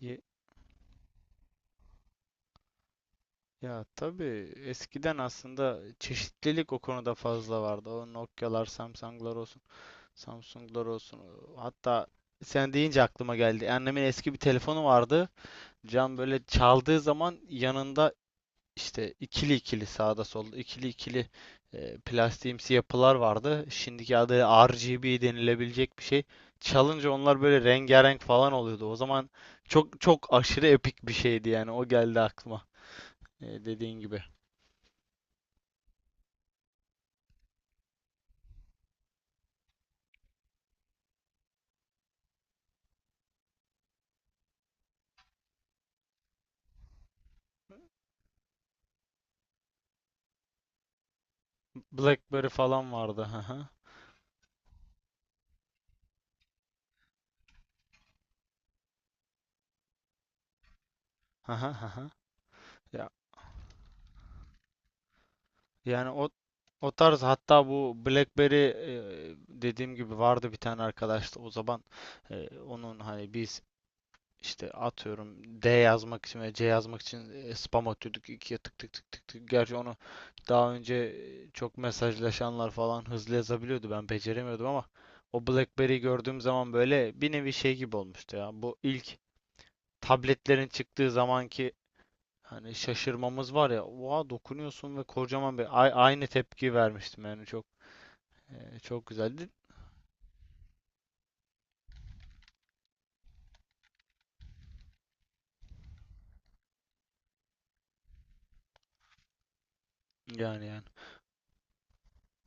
Ye- Ya tabii, eskiden aslında çeşitlilik o konuda fazla vardı. O Nokia'lar, Samsung'lar olsun. Hatta sen deyince aklıma geldi. Annemin eski bir telefonu vardı. Cam böyle çaldığı zaman yanında işte ikili ikili, sağda solda ikili ikili, plastiğimsi yapılar vardı. Şimdiki adıyla RGB denilebilecek bir şey. Çalınca onlar böyle rengarenk falan oluyordu. O zaman çok çok aşırı epik bir şeydi yani. O geldi aklıma. Dediğin gibi. Blackberry falan vardı. Hı hı. Hı hı hı hı. Ya, yani o tarz, hatta bu BlackBerry dediğim gibi vardı bir tane arkadaşta o zaman. Onun hani biz işte atıyorum D yazmak için ve C yazmak için spam atıyorduk ikiye, tık tık tık tık tık. Gerçi onu daha önce çok mesajlaşanlar falan hızlı yazabiliyordu, ben beceremiyordum ama o BlackBerry'yi gördüğüm zaman böyle bir nevi şey gibi olmuştu ya. Bu ilk tabletlerin çıktığı zamanki hani şaşırmamız var ya. Oha, dokunuyorsun ve kocaman bir aynı tepki vermiştim yani. Çok çok güzeldi. Yani, yani.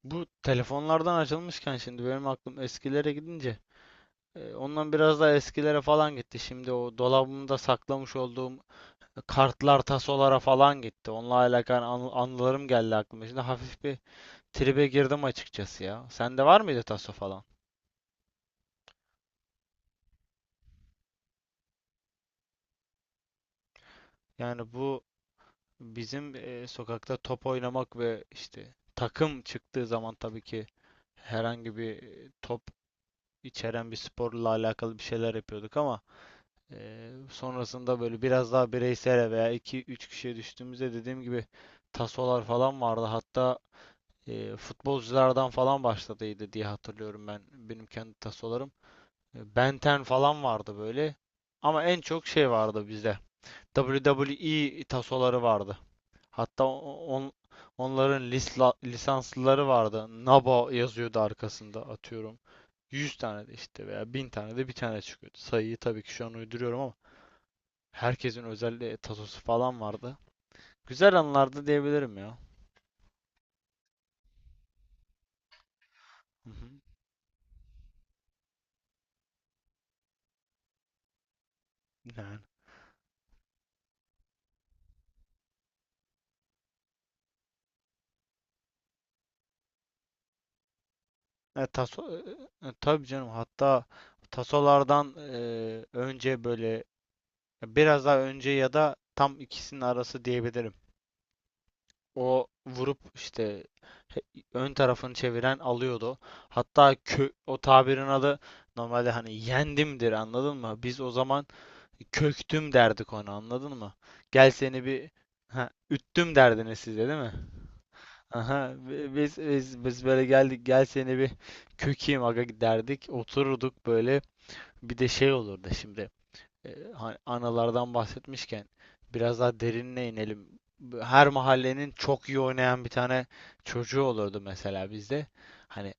Bu telefonlardan açılmışken şimdi benim aklım eskilere gidince ondan biraz daha eskilere falan gitti. Şimdi o dolabımda saklamış olduğum kartlar, tasolara falan gitti. Onunla alakalı anılarım geldi aklıma. Şimdi hafif bir tribe girdim açıkçası ya. Sende var mıydı taso falan? Yani bizim sokakta top oynamak ve işte takım çıktığı zaman tabii ki herhangi bir top içeren bir sporla alakalı bir şeyler yapıyorduk ama sonrasında böyle biraz daha bireysel veya iki üç kişiye düştüğümüzde, dediğim gibi, tasolar falan vardı. Hatta futbolculardan falan başladıydı diye hatırlıyorum benim kendi tasolarım. Ben 10 falan vardı böyle. Ama en çok şey vardı bizde: WWE tasoları vardı. Hatta on, onların lisanslıları vardı. NABA yazıyordu arkasında, atıyorum. 100 tane de işte, veya 1000 tane de bir tane çıkıyordu. Sayıyı tabii ki şu an uyduruyorum ama herkesin özel tasosu falan vardı. Güzel anlardı diyebilirim ya. Hı hı. Yani. E, taso, tabii canım, hatta tasolardan önce böyle, biraz daha önce ya da tam ikisinin arası diyebilirim. O vurup işte ön tarafını çeviren alıyordu. Hatta o tabirin adı normalde hani "yendimdir", anladın mı? Biz o zaman "köktüm" derdik ona, anladın mı? Gel seni bir, ha, üttüm derdiniz siz de, değil mi? Aha, biz böyle geldik, "gel seni bir kökeyim aga" derdik, otururduk böyle. Bir de şey olurdu şimdi. Hani analardan bahsetmişken biraz daha derinine inelim. Her mahallenin çok iyi oynayan bir tane çocuğu olurdu, mesela bizde. Hani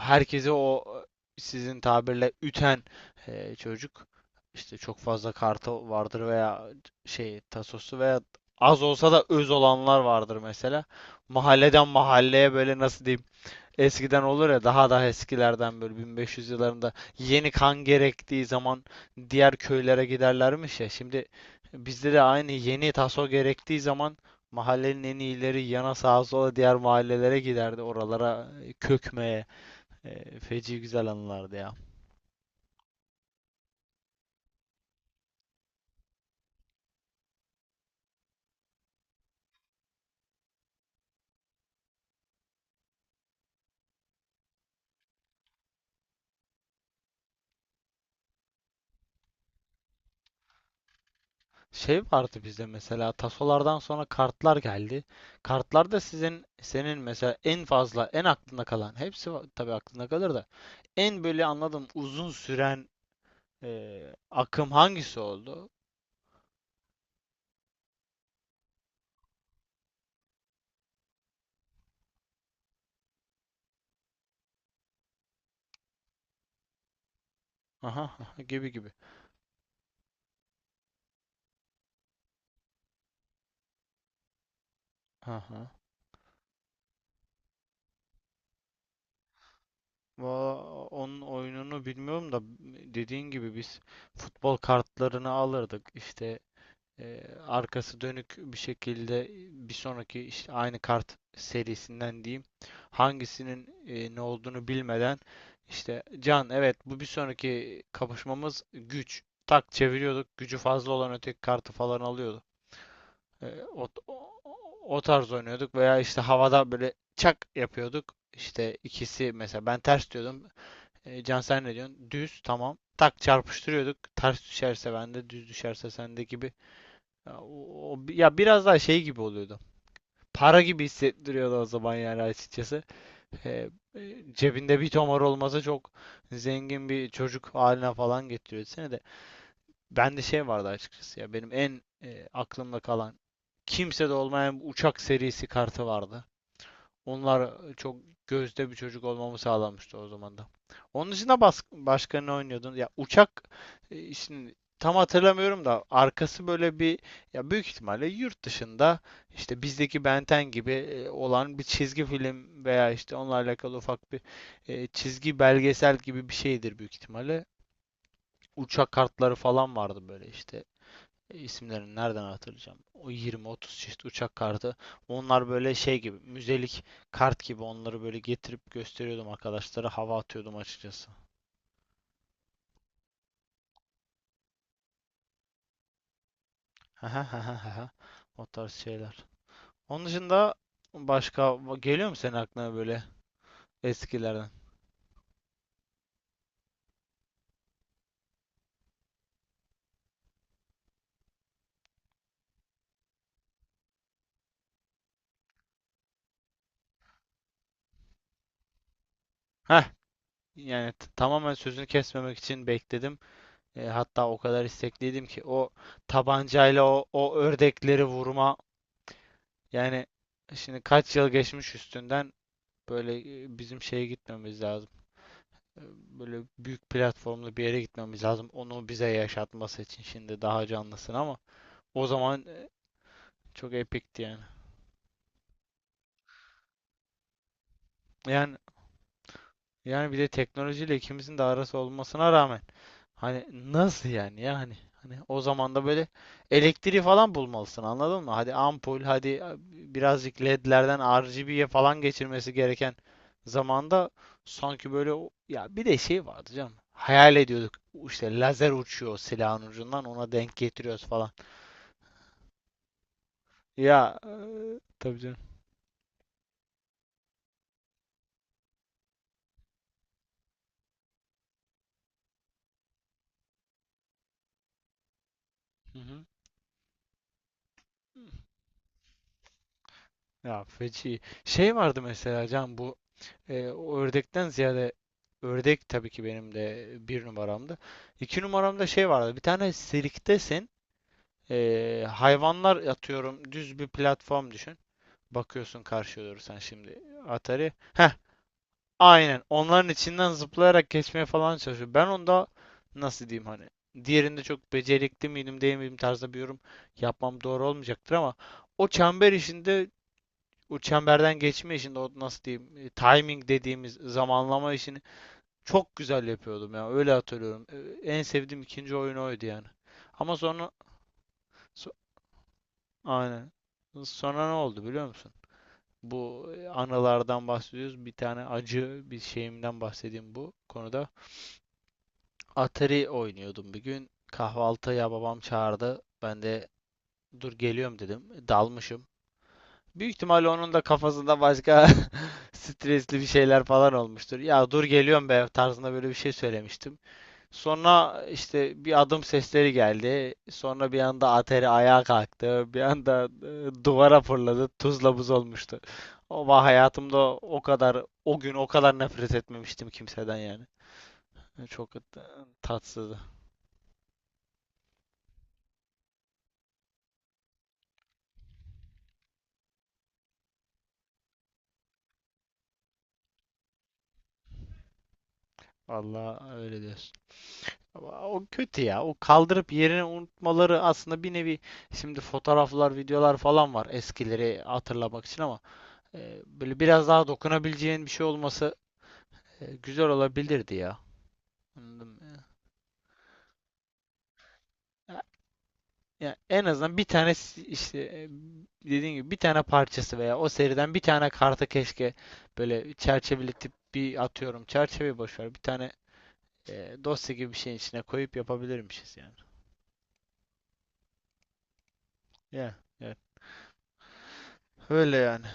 herkesi o, sizin tabirle üten çocuk, işte çok fazla kartı vardır veya şey, tasosu, veya az olsa da öz olanlar vardır mesela. Mahalleden mahalleye, böyle nasıl diyeyim, eskiden olur ya daha daha eskilerden, böyle 1500 yıllarında, yeni kan gerektiği zaman diğer köylere giderlermiş ya. Şimdi bizde de aynı, yeni taso gerektiği zaman mahallenin en iyileri yana, sağa sola, diğer mahallelere giderdi. Oralara, kökmeye. Feci güzel anılardı ya. Şey vardı bizde, mesela tasolardan sonra kartlar geldi. Kartlarda senin mesela en fazla, en aklında kalan, hepsi tabii aklında kalır da en böyle anladım uzun süren, akım hangisi oldu? Aha, aha, gibi gibi. Aha. Valla onun oyununu bilmiyorum da, dediğin gibi biz futbol kartlarını alırdık. İşte arkası dönük bir şekilde, bir sonraki, işte aynı kart serisinden diyeyim, hangisinin ne olduğunu bilmeden, işte "Can, evet, bu bir sonraki kapışmamız, güç". Tak çeviriyorduk. Gücü fazla olan öteki kartı falan alıyorduk. E, o, o, o tarz oynuyorduk, veya işte havada böyle çak yapıyorduk. İşte ikisi, mesela ben "ters" diyordum. "Can, sen ne diyorsun? Düz, tamam." Tak, çarpıştırıyorduk. Ters düşerse bende, düz düşerse sende gibi. Ya biraz daha şey gibi oluyordu. Para gibi hissettiriyordu o zaman yani, açıkçası. Cebinde bir tomar olmasa çok zengin bir çocuk haline falan getiriyordu seni de. Bende şey vardı açıkçası ya. Benim en, aklımda kalan, kimsede olmayan bu uçak serisi kartı vardı. Onlar çok gözde bir çocuk olmamı sağlamıştı o zaman da. Onun dışında başka ne oynuyordun? Ya uçak, şimdi tam hatırlamıyorum da, arkası böyle bir, ya büyük ihtimalle yurt dışında işte bizdeki Ben 10 gibi olan bir çizgi film, veya işte onunla alakalı ufak bir, çizgi belgesel gibi bir şeydir büyük ihtimalle. Uçak kartları falan vardı böyle, işte isimlerini nereden hatırlayacağım? O yirmi, otuz çeşit uçak kartı. Onlar böyle şey gibi, müzelik kart gibi, onları böyle getirip gösteriyordum arkadaşlara, hava atıyordum açıkçası. O tarz şeyler. Onun dışında başka geliyor mu senin aklına böyle eskilerden? Heh, yani, tamamen sözünü kesmemek için bekledim. Hatta o kadar istekliydim ki, o tabancayla o ördekleri vurma, yani şimdi kaç yıl geçmiş üstünden. Böyle, bizim şeye gitmemiz lazım. E, Böyle büyük platformlu bir yere gitmemiz lazım. Onu bize yaşatması için. Şimdi daha canlısın ama o zaman, çok epikti yani. Yani Yani bir de teknolojiyle ikimizin de arası olmasına rağmen, hani nasıl yani, ya hani o zaman da böyle elektriği falan bulmalısın, anladın mı? Hadi ampul, hadi birazcık LED'lerden RGB'ye falan geçirmesi gereken zamanda, sanki böyle. Ya bir de şey vardı canım. Hayal ediyorduk işte lazer uçuyor silahın ucundan, ona denk getiriyoruz falan. Ya, tabii canım. Hı hı. Ya, feci. Şey vardı mesela, Can, o ördekten ziyade, ördek tabii ki benim de bir numaramdı. İki numaramda şey vardı. Bir tane sirktesin. Hayvanlar, atıyorum, düz bir platform düşün. Bakıyorsun karşıya doğru, sen şimdi Atari. Heh, aynen. Onların içinden zıplayarak geçmeye falan çalışıyor. Ben onda nasıl diyeyim, hani diğerinde çok becerikli miydim değil miydim tarzda bir yorum yapmam doğru olmayacaktır ama o çember işinde, o çemberden geçme işinde, o nasıl diyeyim, timing dediğimiz zamanlama işinde çok güzel yapıyordum ya. Öyle hatırlıyorum. En sevdiğim ikinci oyun oydu yani. Ama sonra, so- aynen. Sonra ne oldu biliyor musun? Bu, anılardan bahsediyoruz, bir tane acı bir şeyimden bahsedeyim bu konuda. Atari oynuyordum bir gün. Kahvaltıya babam çağırdı. Ben de "dur geliyorum" dedim. Dalmışım. Büyük ihtimalle onun da kafasında başka stresli bir şeyler falan olmuştur. Ya "dur geliyorum be" tarzında böyle bir şey söylemiştim. Sonra işte bir adım sesleri geldi. Sonra bir anda Atari ayağa kalktı, bir anda duvara fırladı, tuzla buz olmuştu. Ama hayatımda o kadar, o gün, o kadar nefret etmemiştim kimseden yani. Çok tatsızdı. Vallahi, öyle diyorsun. Ama o kötü ya. O kaldırıp yerini unutmaları aslında bir nevi, şimdi fotoğraflar, videolar falan var eskileri hatırlamak için ama böyle biraz daha dokunabileceğin bir şey olması güzel olabilirdi ya. Anladım. Ya, ya, en azından bir tane, işte dediğin gibi bir tane parçası veya o seriden bir tane kartı, keşke böyle çerçeveletip bir, atıyorum, çerçeve boş ver, bir tane dosya gibi bir şeyin içine koyup yapabilirmişiz yani. Ya, evet. Öyle yani.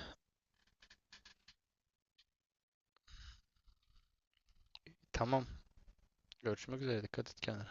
Tamam. Görüşmek üzere. Dikkat et kendine.